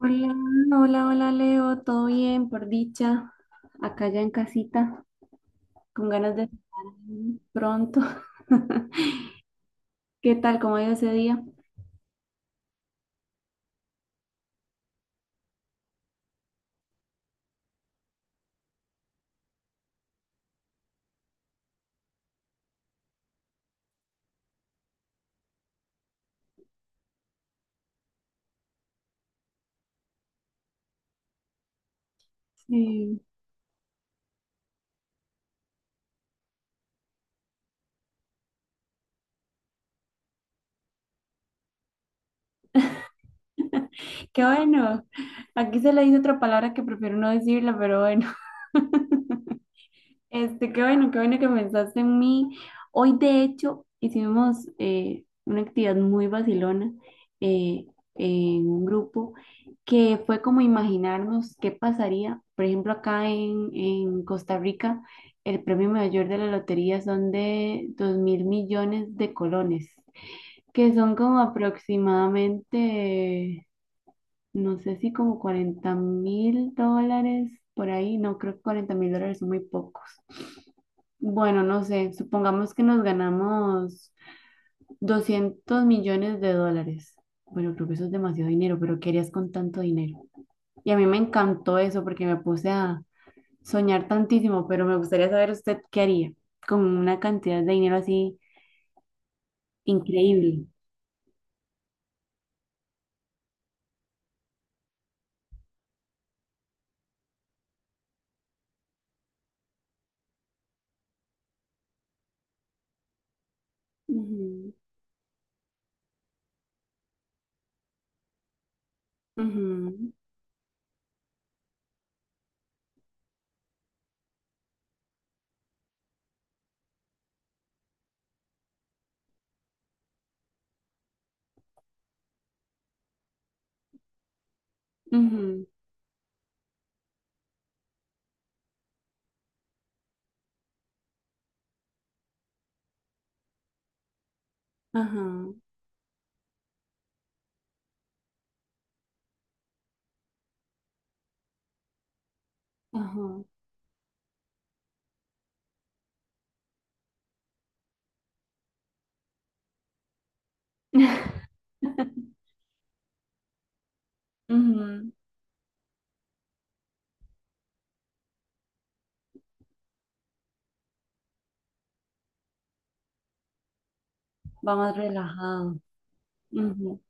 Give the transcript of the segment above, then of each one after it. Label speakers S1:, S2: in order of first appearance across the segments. S1: Hola, hola, hola Leo, todo bien, por dicha, acá ya en casita, con ganas de estar pronto. ¿Qué tal? ¿Cómo ha ido ese día? Sí, qué bueno. Aquí se le dice otra palabra que prefiero no decirla, pero bueno. Este, qué bueno que pensaste en mí. Hoy, de hecho, hicimos una actividad muy vacilona eh, en un grupo que fue como imaginarnos qué pasaría. Por ejemplo, acá en Costa Rica, el premio mayor de la lotería son de 2.000 millones de colones, que son como aproximadamente no sé si como 40.000 dólares por ahí, no creo que 40.000 dólares son muy pocos. Bueno, no sé, supongamos que nos ganamos 200 millones de dólares. Bueno, creo que eso es demasiado dinero, pero ¿qué harías con tanto dinero? Y a mí me encantó eso porque me puse a soñar tantísimo, pero me gustaría saber usted qué haría con una cantidad de dinero así increíble. Ujú, ujú, ujú, ajá, ajá. Ujú, va más relajado. Ujú,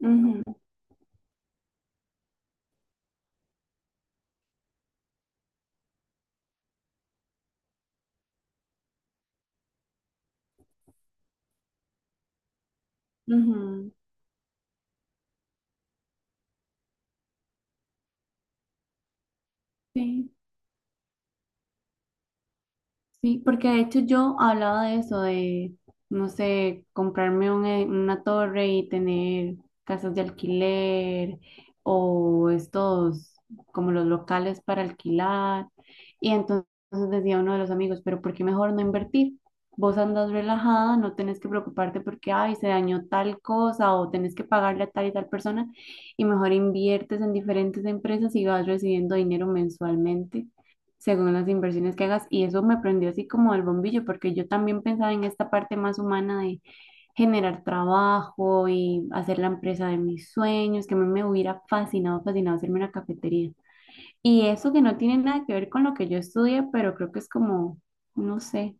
S1: ujú, ujú, sí. Sí, porque de hecho yo hablaba de eso, de, no sé, comprarme una torre y tener casas de alquiler o estos, como los locales para alquilar. Y entonces decía uno de los amigos, pero ¿por qué mejor no invertir? Vos andas relajada, no tenés que preocuparte porque, ay, se dañó tal cosa o tenés que pagarle a tal y tal persona y mejor inviertes en diferentes empresas y vas recibiendo dinero mensualmente según las inversiones que hagas. Y eso me prendió así como el bombillo, porque yo también pensaba en esta parte más humana de generar trabajo y hacer la empresa de mis sueños, que a mí me hubiera fascinado, fascinado hacerme una cafetería. Y eso que no tiene nada que ver con lo que yo estudié, pero creo que es como, no sé,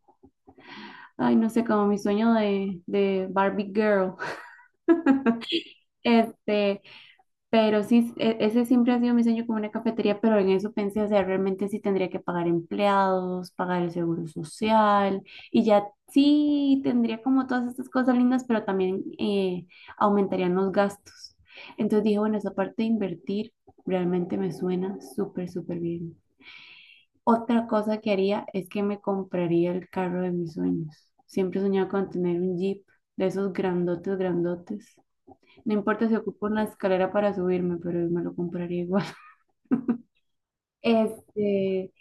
S1: ay, no sé, como mi sueño de Barbie Girl. Este, pero sí, ese siempre ha sido mi sueño como una cafetería, pero en eso pensé, o sea, realmente sí tendría que pagar empleados, pagar el seguro social, y ya sí tendría como todas estas cosas lindas, pero también aumentarían los gastos. Entonces dije, bueno, esa parte de invertir realmente me suena súper, súper bien. Otra cosa que haría es que me compraría el carro de mis sueños. Siempre he soñado con tener un Jeep de esos grandotes, grandotes. No importa si ocupo una escalera para subirme, pero me lo compraría igual. Este,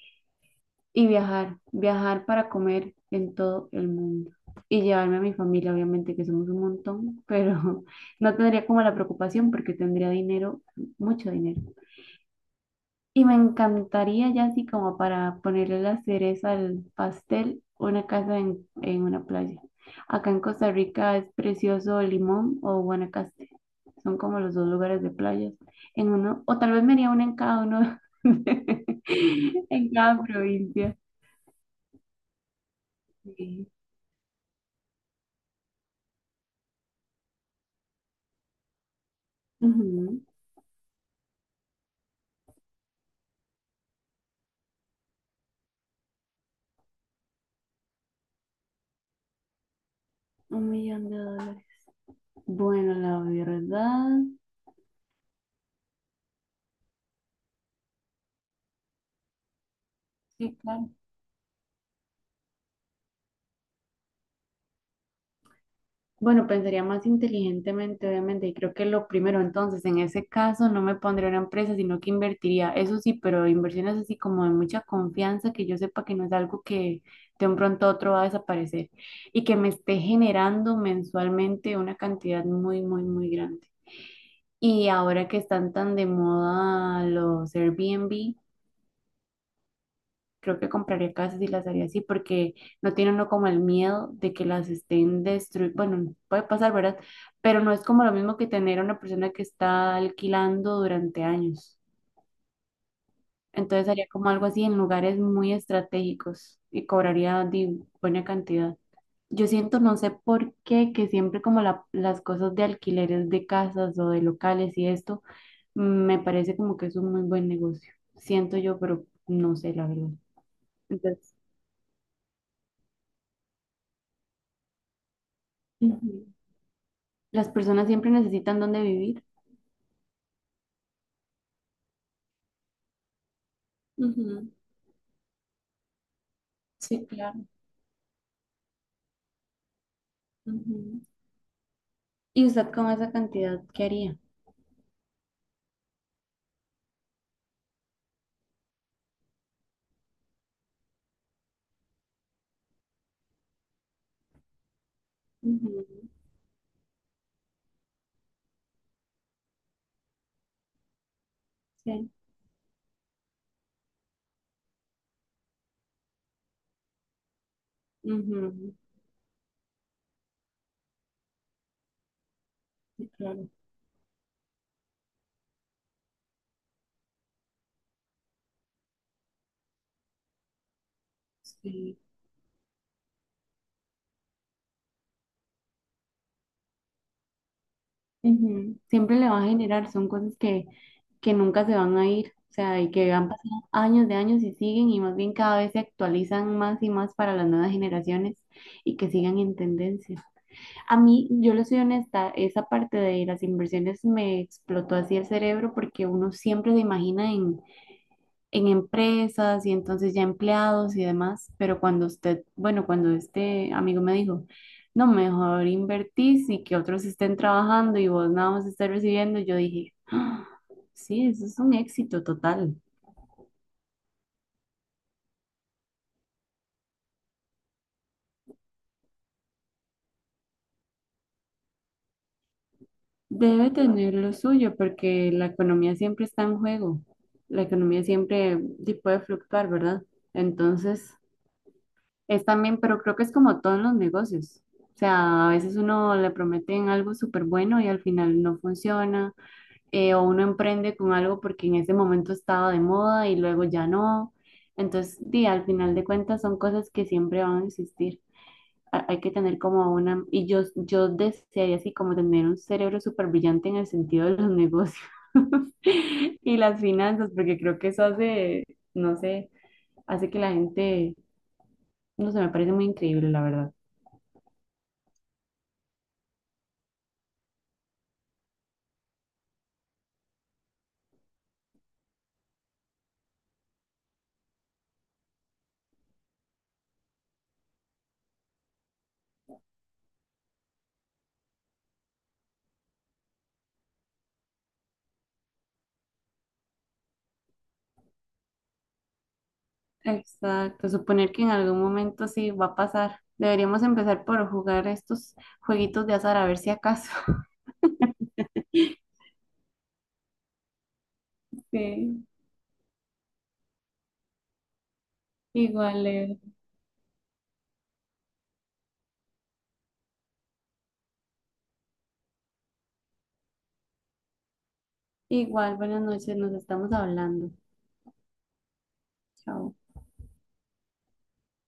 S1: y viajar, viajar para comer en todo el mundo. Y llevarme a mi familia, obviamente, que somos un montón, pero no tendría como la preocupación porque tendría dinero, mucho dinero. Y me encantaría ya así como para ponerle la cereza al pastel, una casa en una playa. Acá en Costa Rica es precioso Limón o Guanacaste. Son como los dos lugares de playas. En uno, o tal vez me haría una en cada uno, en cada provincia. Sí, ujú. Un millón de dólares. Bueno, la verdad, sí, claro. Bueno, pensaría más inteligentemente, obviamente, y creo que lo primero, entonces, en ese caso no me pondría una empresa, sino que invertiría, eso sí, pero inversiones así como de mucha confianza, que yo sepa que no es algo que de un pronto a otro va a desaparecer y que me esté generando mensualmente una cantidad muy, muy, muy grande. Y ahora que están tan de moda los Airbnb, creo que compraría casas y las haría así porque no tiene uno como el miedo de que las estén destruyendo. Bueno, puede pasar, ¿verdad? Pero no es como lo mismo que tener a una persona que está alquilando durante años. Entonces haría como algo así en lugares muy estratégicos y cobraría buena cantidad. Yo siento, no sé por qué, que siempre como las cosas de alquileres de casas o de locales y esto, me parece como que es un muy buen negocio. Siento yo, pero no sé la verdad. Entonces, ujú. Las personas siempre necesitan dónde vivir. Ujú, sí, claro. Ujú, ¿y usted con esa cantidad qué haría? Ujú, sí, ujú, sí, claro. Sí. Ujú. Siempre le va a generar, son cosas que nunca se van a ir, o sea, y que han pasado años de años y siguen y más bien cada vez se actualizan más y más para las nuevas generaciones y que sigan en tendencia. A mí, yo le soy honesta, esa parte de las inversiones me explotó así el cerebro porque uno siempre se imagina en empresas y entonces ya empleados y demás, pero cuando usted, bueno, cuando este amigo me dijo, no, mejor invertís y que otros estén trabajando y vos nada más estés recibiendo, yo dije, "Ah, sí, eso es un éxito total". Debe tener lo suyo porque la economía siempre está en juego, la economía siempre puede fluctuar, ¿verdad? Entonces, es también, pero creo que es como todo en los negocios. O sea, a veces uno le prometen algo súper bueno y al final no funciona. O uno emprende con algo porque en ese momento estaba de moda y luego ya no. Entonces, di, al final de cuentas son cosas que siempre van a existir. Hay que tener como una, y yo desearía así como tener un cerebro súper brillante en el sentido de los negocios y las finanzas, porque creo que eso hace, no sé, hace que la gente, no sé, me parece muy increíble, la verdad. Exacto, suponer que en algún momento sí va a pasar. Deberíamos empezar por jugar estos jueguitos de azar a ver si acaso. Sí, igual, Leo. Igual, buenas noches, nos estamos hablando. Chao.